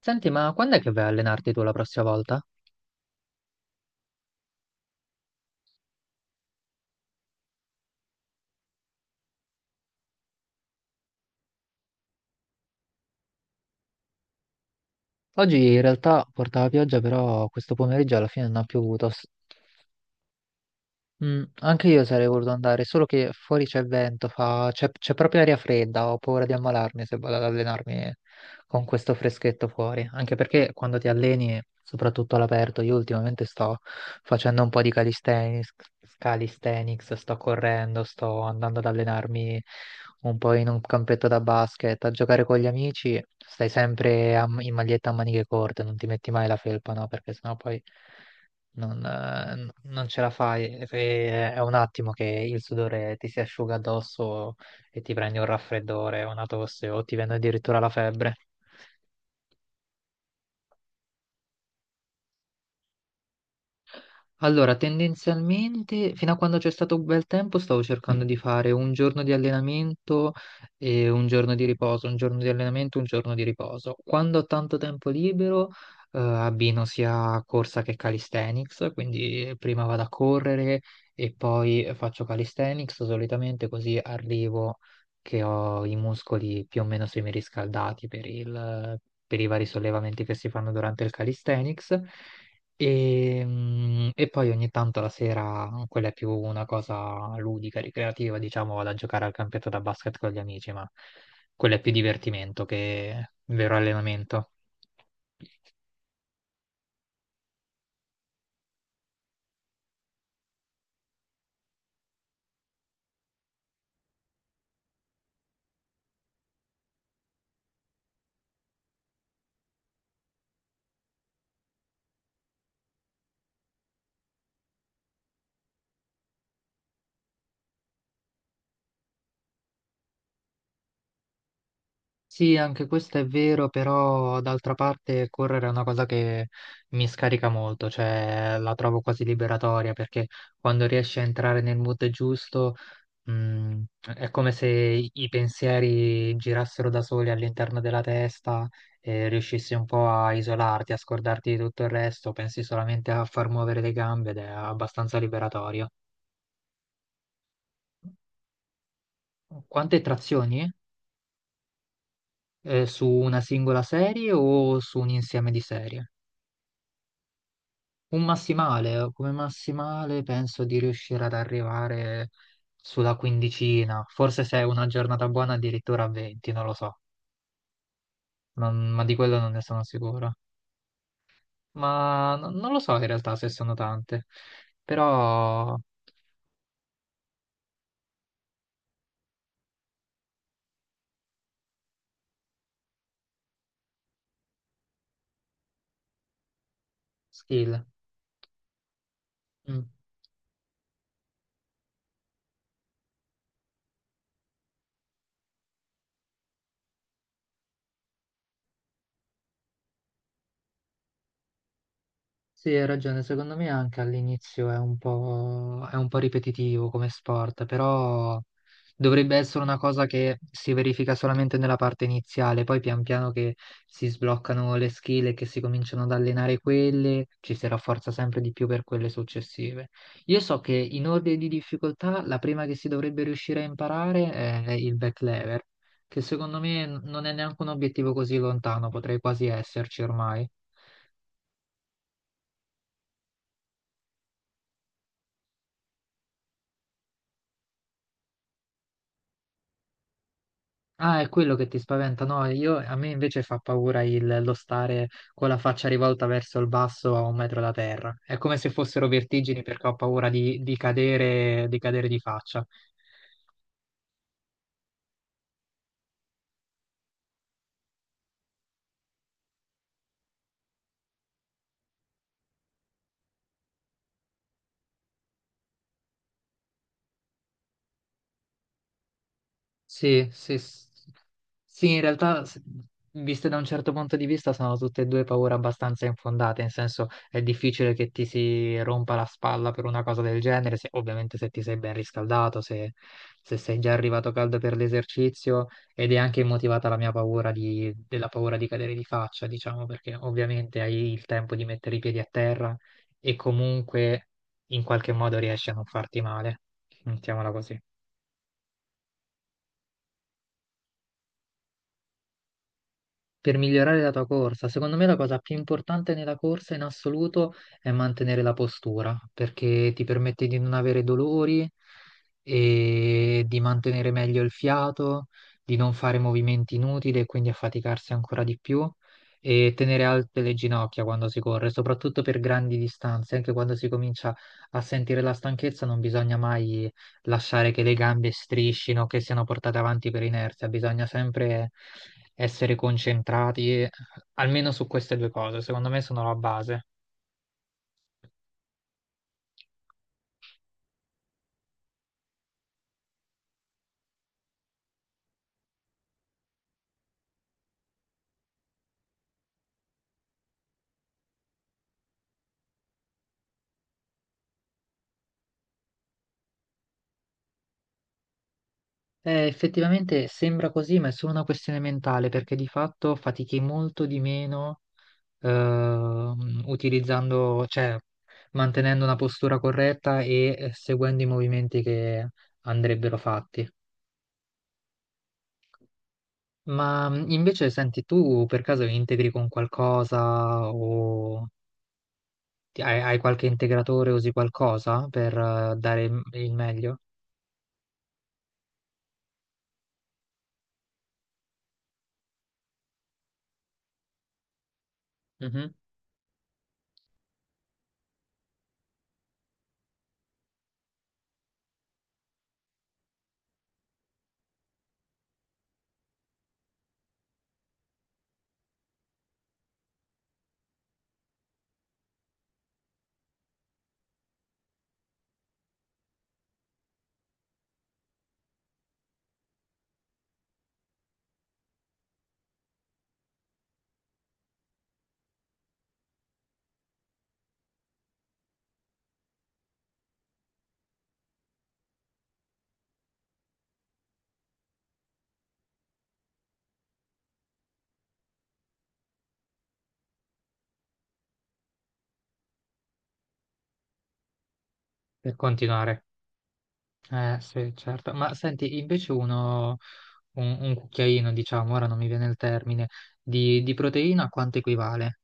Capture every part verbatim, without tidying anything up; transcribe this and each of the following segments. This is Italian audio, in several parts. Senti, ma quando è che vai a allenarti tu la prossima volta? Oggi in realtà portava pioggia, però questo pomeriggio alla fine non ha piovuto. Mm, anche io sarei voluto andare, solo che fuori c'è vento, fa- c'è c'è proprio aria fredda, ho paura di ammalarmi se vado ad allenarmi con questo freschetto fuori, anche perché quando ti alleni, soprattutto all'aperto, io ultimamente sto facendo un po' di calisthenics, calisthenics, sto correndo, sto andando ad allenarmi un po' in un campetto da basket, a giocare con gli amici, stai sempre a- in maglietta a maniche corte, non ti metti mai la felpa, no? Perché sennò poi non, eh, non ce la fai, e- e- è un attimo che il sudore ti si asciuga addosso e ti prendi un raffreddore, una tosse o ti viene addirittura la febbre. Allora, tendenzialmente, fino a quando c'è stato un bel tempo, stavo cercando di fare un giorno di allenamento e un giorno di riposo, un giorno di allenamento, un giorno di riposo. Quando ho tanto tempo libero, eh, abbino sia corsa che calisthenics, quindi prima vado a correre e poi faccio calisthenics, solitamente così arrivo che ho i muscoli più o meno semiriscaldati per il- per i vari sollevamenti che si fanno durante il calisthenics. E, mm, e poi ogni tanto la sera, mhmm, quella è più una cosa ludica, ricreativa, diciamo, vado a giocare al campionato da basket con gli amici, ma quello è più divertimento che vero allenamento. Sì, anche questo è vero, però d'altra parte correre è una cosa che mi scarica molto, cioè la trovo quasi liberatoria perché quando riesci a entrare nel mood giusto. Mm, è come se i i pensieri girassero da soli all'interno della testa e riuscissi un po' a isolarti, a scordarti di tutto il resto, pensi solamente a far muovere le gambe ed è abbastanza liberatorio. Quante trazioni? Eh, su una singola serie o su un insieme di serie? Un massimale, come massimale penso di riuscire ad arrivare sulla quindicina, forse se è una giornata buona addirittura a venti, non lo so. Non- ma di quello non ne sono sicuro. Ma no- non lo so in realtà se sono tante, però skill. Mm. Sì, hai ragione, secondo me anche all'inizio è un po', è un po' ripetitivo come sport, però dovrebbe essere una cosa che si verifica solamente nella parte iniziale, poi pian piano che si sbloccano le skill e che si cominciano ad allenare quelle, ci si rafforza sempre di più per quelle successive. Io so che in ordine di difficoltà la prima che si dovrebbe riuscire a imparare è il back lever, che secondo me non è neanche un obiettivo così lontano, potrei quasi esserci ormai. Ah, è quello che ti spaventa, no? Io, a me invece fa paura il- lo stare con la faccia rivolta verso il basso a un metro da terra. È come se fossero vertigini perché ho paura di, di cadere, di cadere di faccia. Sì, sì, s- sì, in realtà, s- viste da un certo punto di vista, sono tutte e due paure abbastanza infondate, nel senso è difficile che ti si rompa la spalla per una cosa del genere, se- ovviamente se ti sei ben riscaldato, se, se sei già arrivato caldo per l'esercizio, ed è anche motivata la mia paura di, della paura di cadere di faccia, diciamo, perché ovviamente hai il tempo di mettere i piedi a terra e comunque in qualche modo riesci a non farti male, mettiamola così. Per migliorare la tua corsa. Secondo me la cosa più importante nella corsa in assoluto è mantenere la postura, perché ti permette di non avere dolori e di mantenere meglio il fiato, di non fare movimenti inutili e quindi affaticarsi ancora di più e tenere alte le ginocchia quando si corre, soprattutto per grandi distanze, anche quando si comincia a sentire la stanchezza, non bisogna mai lasciare che le gambe striscino, che siano portate avanti per inerzia, bisogna sempre essere concentrati, eh, almeno su queste due cose, secondo me sono la base. Eh, effettivamente sembra così, ma è solo una questione mentale, perché di fatto fatichi molto di meno ehm, utilizzando, cioè mantenendo una postura corretta e eh, seguendo i movimenti che andrebbero fatti. Ma mh, invece, senti, tu per caso integri con qualcosa o. Ti- Hai, hai qualche integratore, usi qualcosa per eh, dare il il meglio, mhm, per continuare? Eh sì, certo. Ma senti, invece uno, un, un cucchiaino, diciamo, ora non mi viene il termine, di, di proteina a quanto equivale?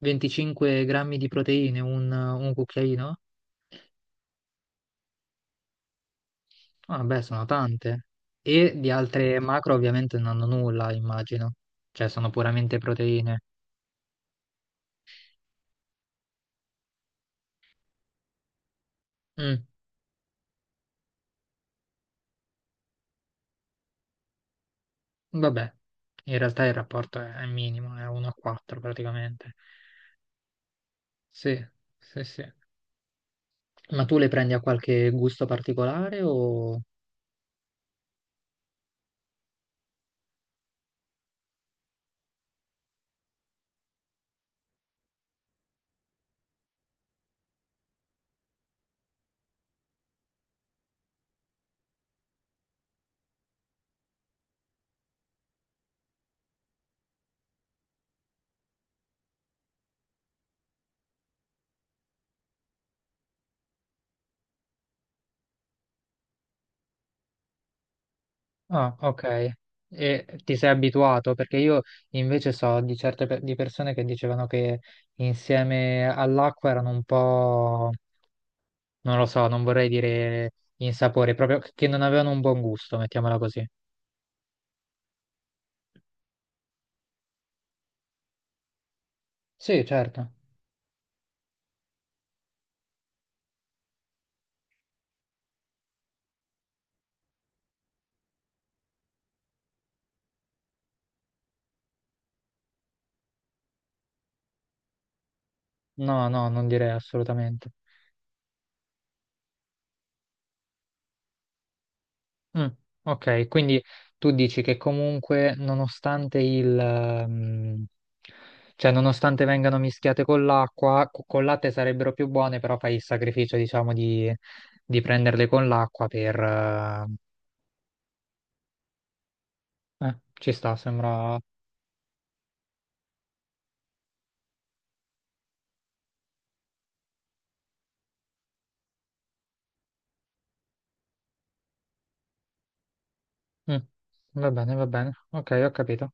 venticinque grammi di proteine, un, un cucchiaino? Ah, beh, sono tante. E di altre macro ovviamente non hanno nulla, immagino. Cioè, sono puramente proteine. Mm, vabbè, in realtà il rapporto è, è minimo, è uno a quattro praticamente. Sì, sì, sì. Ma tu le prendi a qualche gusto particolare o... Ah, ok. E ti sei abituato? Perché io invece so di certe pe- di persone che dicevano che insieme all'acqua erano un po', non lo so, non vorrei dire insapore, proprio che non avevano un buon gusto, mettiamola così. Sì, certo. No, no, non direi assolutamente. Mm, ok, quindi tu dici che comunque nonostante il, ehm, cioè nonostante vengano mischiate con l'acqua, co- colate sarebbero più buone, però fai il sacrificio, diciamo, di, di prenderle con l'acqua per... eh, eh, ci sta, sembra... Mm, va bene, va bene, ok, ho capito.